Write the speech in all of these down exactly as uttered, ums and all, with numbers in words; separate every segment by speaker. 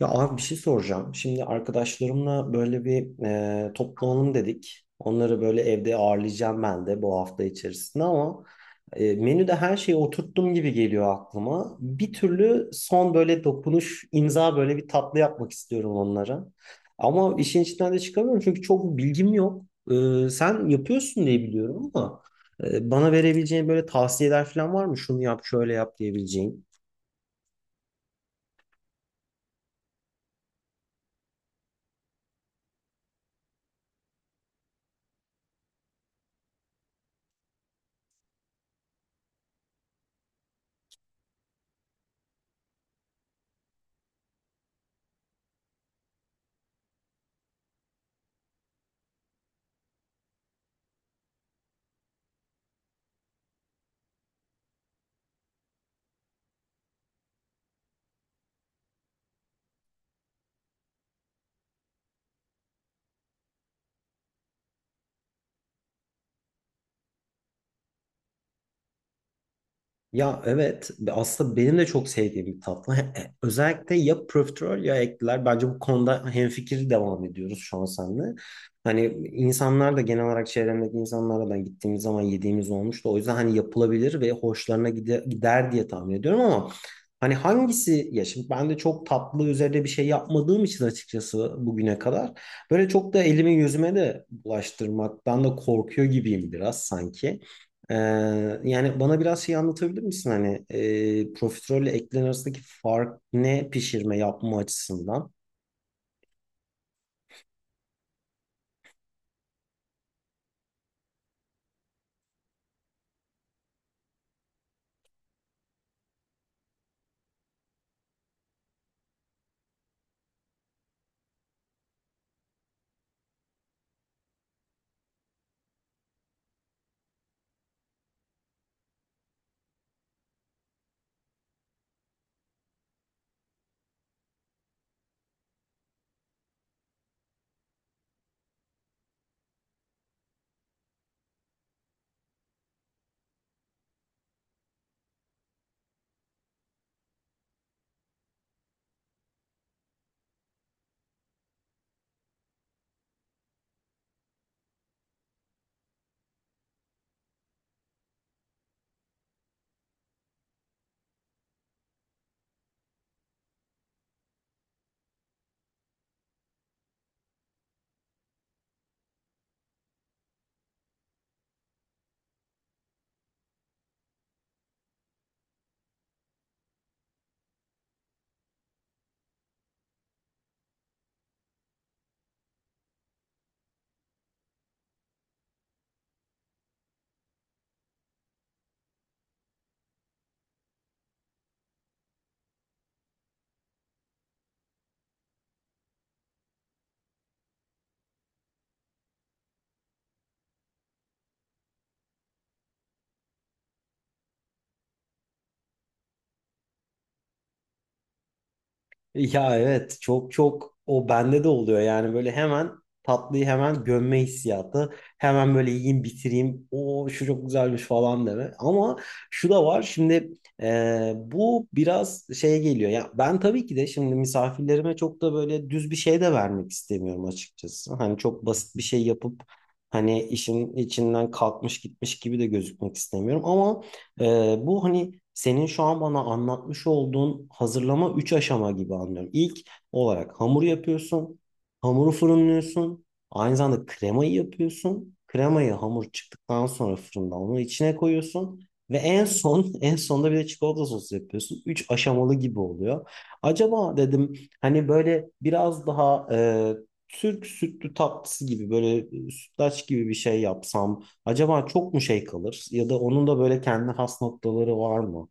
Speaker 1: Ya abi bir şey soracağım. Şimdi arkadaşlarımla böyle bir e, toplanalım dedik. Onları böyle evde ağırlayacağım ben de bu hafta içerisinde ama e, menüde her şeyi oturttum gibi geliyor aklıma. Bir türlü son böyle dokunuş, imza böyle bir tatlı yapmak istiyorum onlara. Ama işin içinden de çıkamıyorum çünkü çok bilgim yok. E, sen yapıyorsun diye biliyorum ama e, bana verebileceğin böyle tavsiyeler falan var mı? Şunu yap, şöyle yap diyebileceğin. Ya evet aslında benim de çok sevdiğim bir tatlı. He- he- Özellikle ya profiterol ya ekler. Bence bu konuda hemfikir devam ediyoruz şu an seninle. Hani insanlar da genel olarak çevremdeki insanlarla da gittiğimiz zaman yediğimiz olmuştu. O yüzden hani yapılabilir ve hoşlarına gide- gider diye tahmin ediyorum ama hani hangisi ya şimdi ben de çok tatlı üzerine bir şey yapmadığım için açıkçası bugüne kadar böyle çok da elimi yüzüme de bulaştırmaktan da korkuyor gibiyim biraz sanki. Ee, Yani bana biraz şey anlatabilir misin hani e, profiterol eklerin arasındaki fark ne pişirme yapma açısından? Ya evet çok çok o bende de oluyor yani böyle hemen tatlıyı hemen gömme hissiyatı hemen böyle yiyeyim bitireyim o şu çok güzelmiş falan deme ama şu da var şimdi e, bu biraz şeye geliyor ya ben tabii ki de şimdi misafirlerime çok da böyle düz bir şey de vermek istemiyorum açıkçası hani çok basit bir şey yapıp hani işin içinden kalkmış gitmiş gibi de gözükmek istemiyorum ama ee, bu hani senin şu an bana anlatmış olduğun hazırlama üç aşama gibi anlıyorum. İlk olarak hamur yapıyorsun, hamuru fırınlıyorsun, aynı zamanda kremayı yapıyorsun. Kremayı hamur çıktıktan sonra fırından onu içine koyuyorsun ve en son en sonda bir de çikolata sosu yapıyorsun. Üç aşamalı gibi oluyor. Acaba dedim hani böyle biraz daha e, Türk sütlü tatlısı gibi böyle e, sütlaç gibi bir şey yapsam. Acaba çok mu şey kalır ya da onun da böyle kendi has noktaları var mı?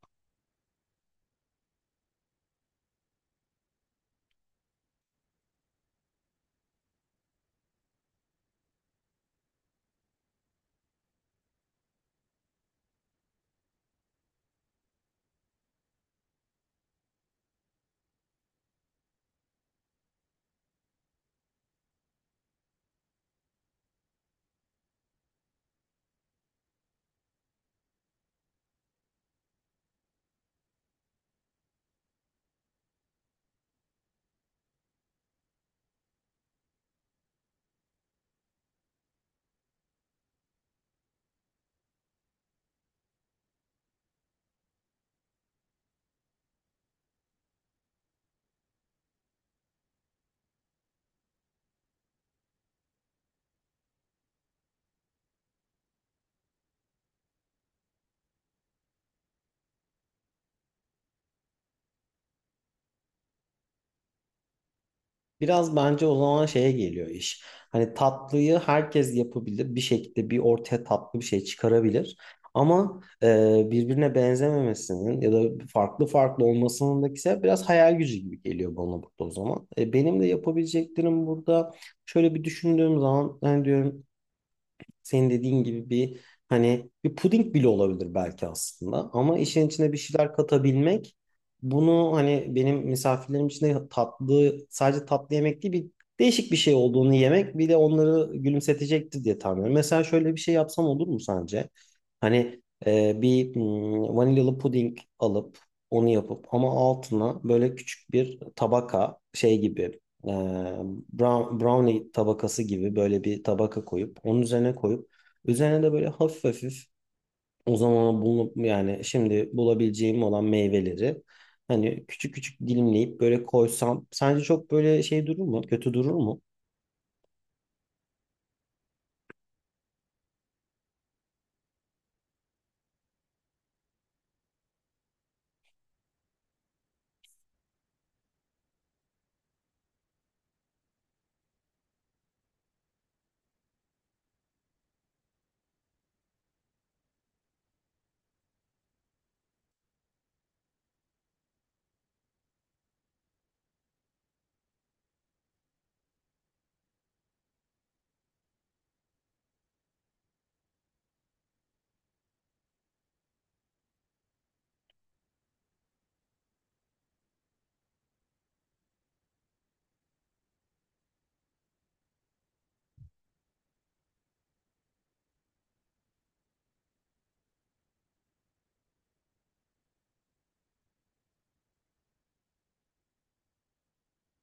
Speaker 1: Biraz bence o zaman şeye geliyor iş. Hani tatlıyı herkes yapabilir. Bir şekilde bir ortaya tatlı bir şey çıkarabilir. Ama e, birbirine benzememesinin ya da farklı farklı olmasının da ise biraz hayal gücü gibi geliyor bana burada o zaman. E, benim de yapabileceklerim burada şöyle bir düşündüğüm zaman hani diyorum senin dediğin gibi bir hani bir puding bile olabilir belki aslında ama işin içine bir şeyler katabilmek bunu hani benim misafirlerim için de tatlı sadece tatlı yemek değil bir değişik bir şey olduğunu yemek bir de onları gülümsetecektir diye tahmin ediyorum. Mesela şöyle bir şey yapsam olur mu sence? Hani e, bir hmm, vanilyalı puding alıp onu yapıp ama altına böyle küçük bir tabaka şey gibi, e, brown- brownie tabakası gibi böyle bir tabaka koyup onun üzerine koyup üzerine de böyle hafif hafif o zaman bulup yani şimdi bulabileceğim olan meyveleri hani küçük küçük dilimleyip böyle koysam sence çok böyle şey durur mu? Kötü durur mu?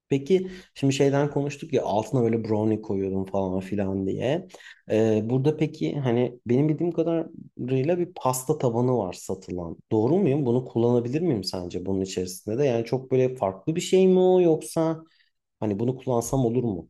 Speaker 1: Peki şimdi şeyden konuştuk ya altına böyle brownie koyuyordum falan filan diye. Ee, burada peki hani benim bildiğim kadarıyla bir pasta tabanı var satılan. Doğru muyum? Bunu kullanabilir miyim sence bunun içerisinde de? Yani çok böyle farklı bir şey mi o yoksa hani bunu kullansam olur mu?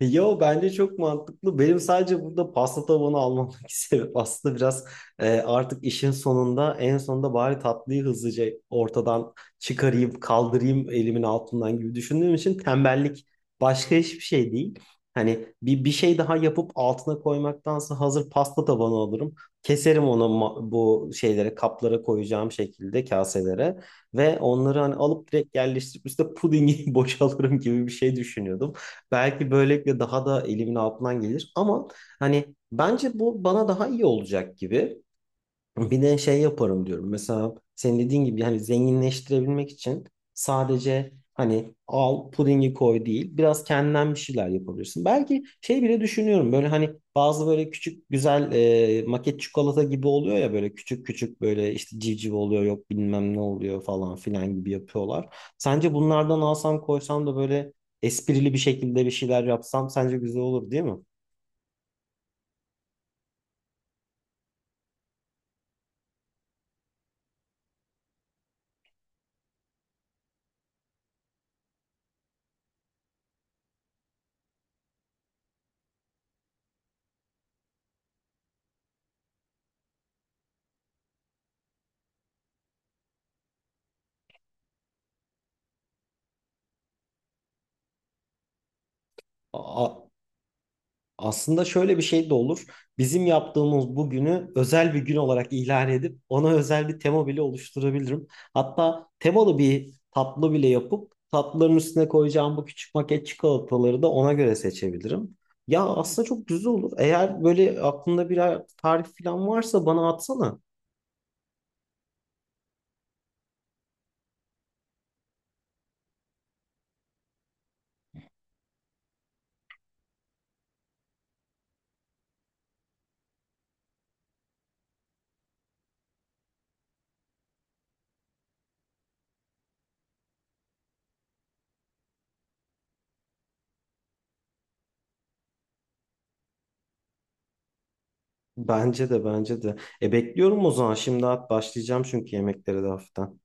Speaker 1: Yo bence çok mantıklı. Benim sadece burada pasta tabanı almamdaki sebep aslında biraz e, artık işin sonunda en sonunda bari tatlıyı hızlıca ortadan çıkarayım, kaldırayım elimin altından gibi düşündüğüm için tembellik başka hiçbir şey değil. Hani bir, bir şey daha yapıp altına koymaktansa hazır pasta tabanı alırım. Keserim onu ma- bu şeylere kaplara koyacağım şekilde kaselere ve onları hani alıp direkt yerleştirip üstüne pudingi boşalırım gibi bir şey düşünüyordum. Belki böylelikle daha da elimin altından gelir ama hani bence bu bana daha iyi olacak gibi. Bir de şey yaparım diyorum. Mesela senin dediğin gibi hani zenginleştirebilmek için sadece hani al pudingi koy değil. Biraz kendinden bir şeyler yapabilirsin. Belki şey bile düşünüyorum. Böyle hani bazı böyle küçük güzel e, maket çikolata gibi oluyor ya böyle küçük küçük böyle işte civciv oluyor yok bilmem ne oluyor falan filan gibi yapıyorlar. Sence bunlardan alsam koysam da böyle esprili bir şekilde bir şeyler yapsam sence güzel olur değil mi? Aa, aslında şöyle bir şey de olur. Bizim yaptığımız bugünü özel bir gün olarak ilan edip ona özel bir tema bile oluşturabilirim. Hatta temalı bir tatlı bile yapıp tatlıların üstüne koyacağım bu küçük maket çikolataları da ona göre seçebilirim. Ya aslında çok güzel olur. Eğer böyle aklında bir tarif falan varsa bana atsana. Bence de, bence de. E, bekliyorum o zaman. Şimdi at, başlayacağım çünkü yemeklere de hafiften.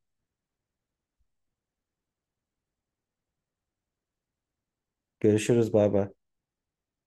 Speaker 1: Görüşürüz, bay bay.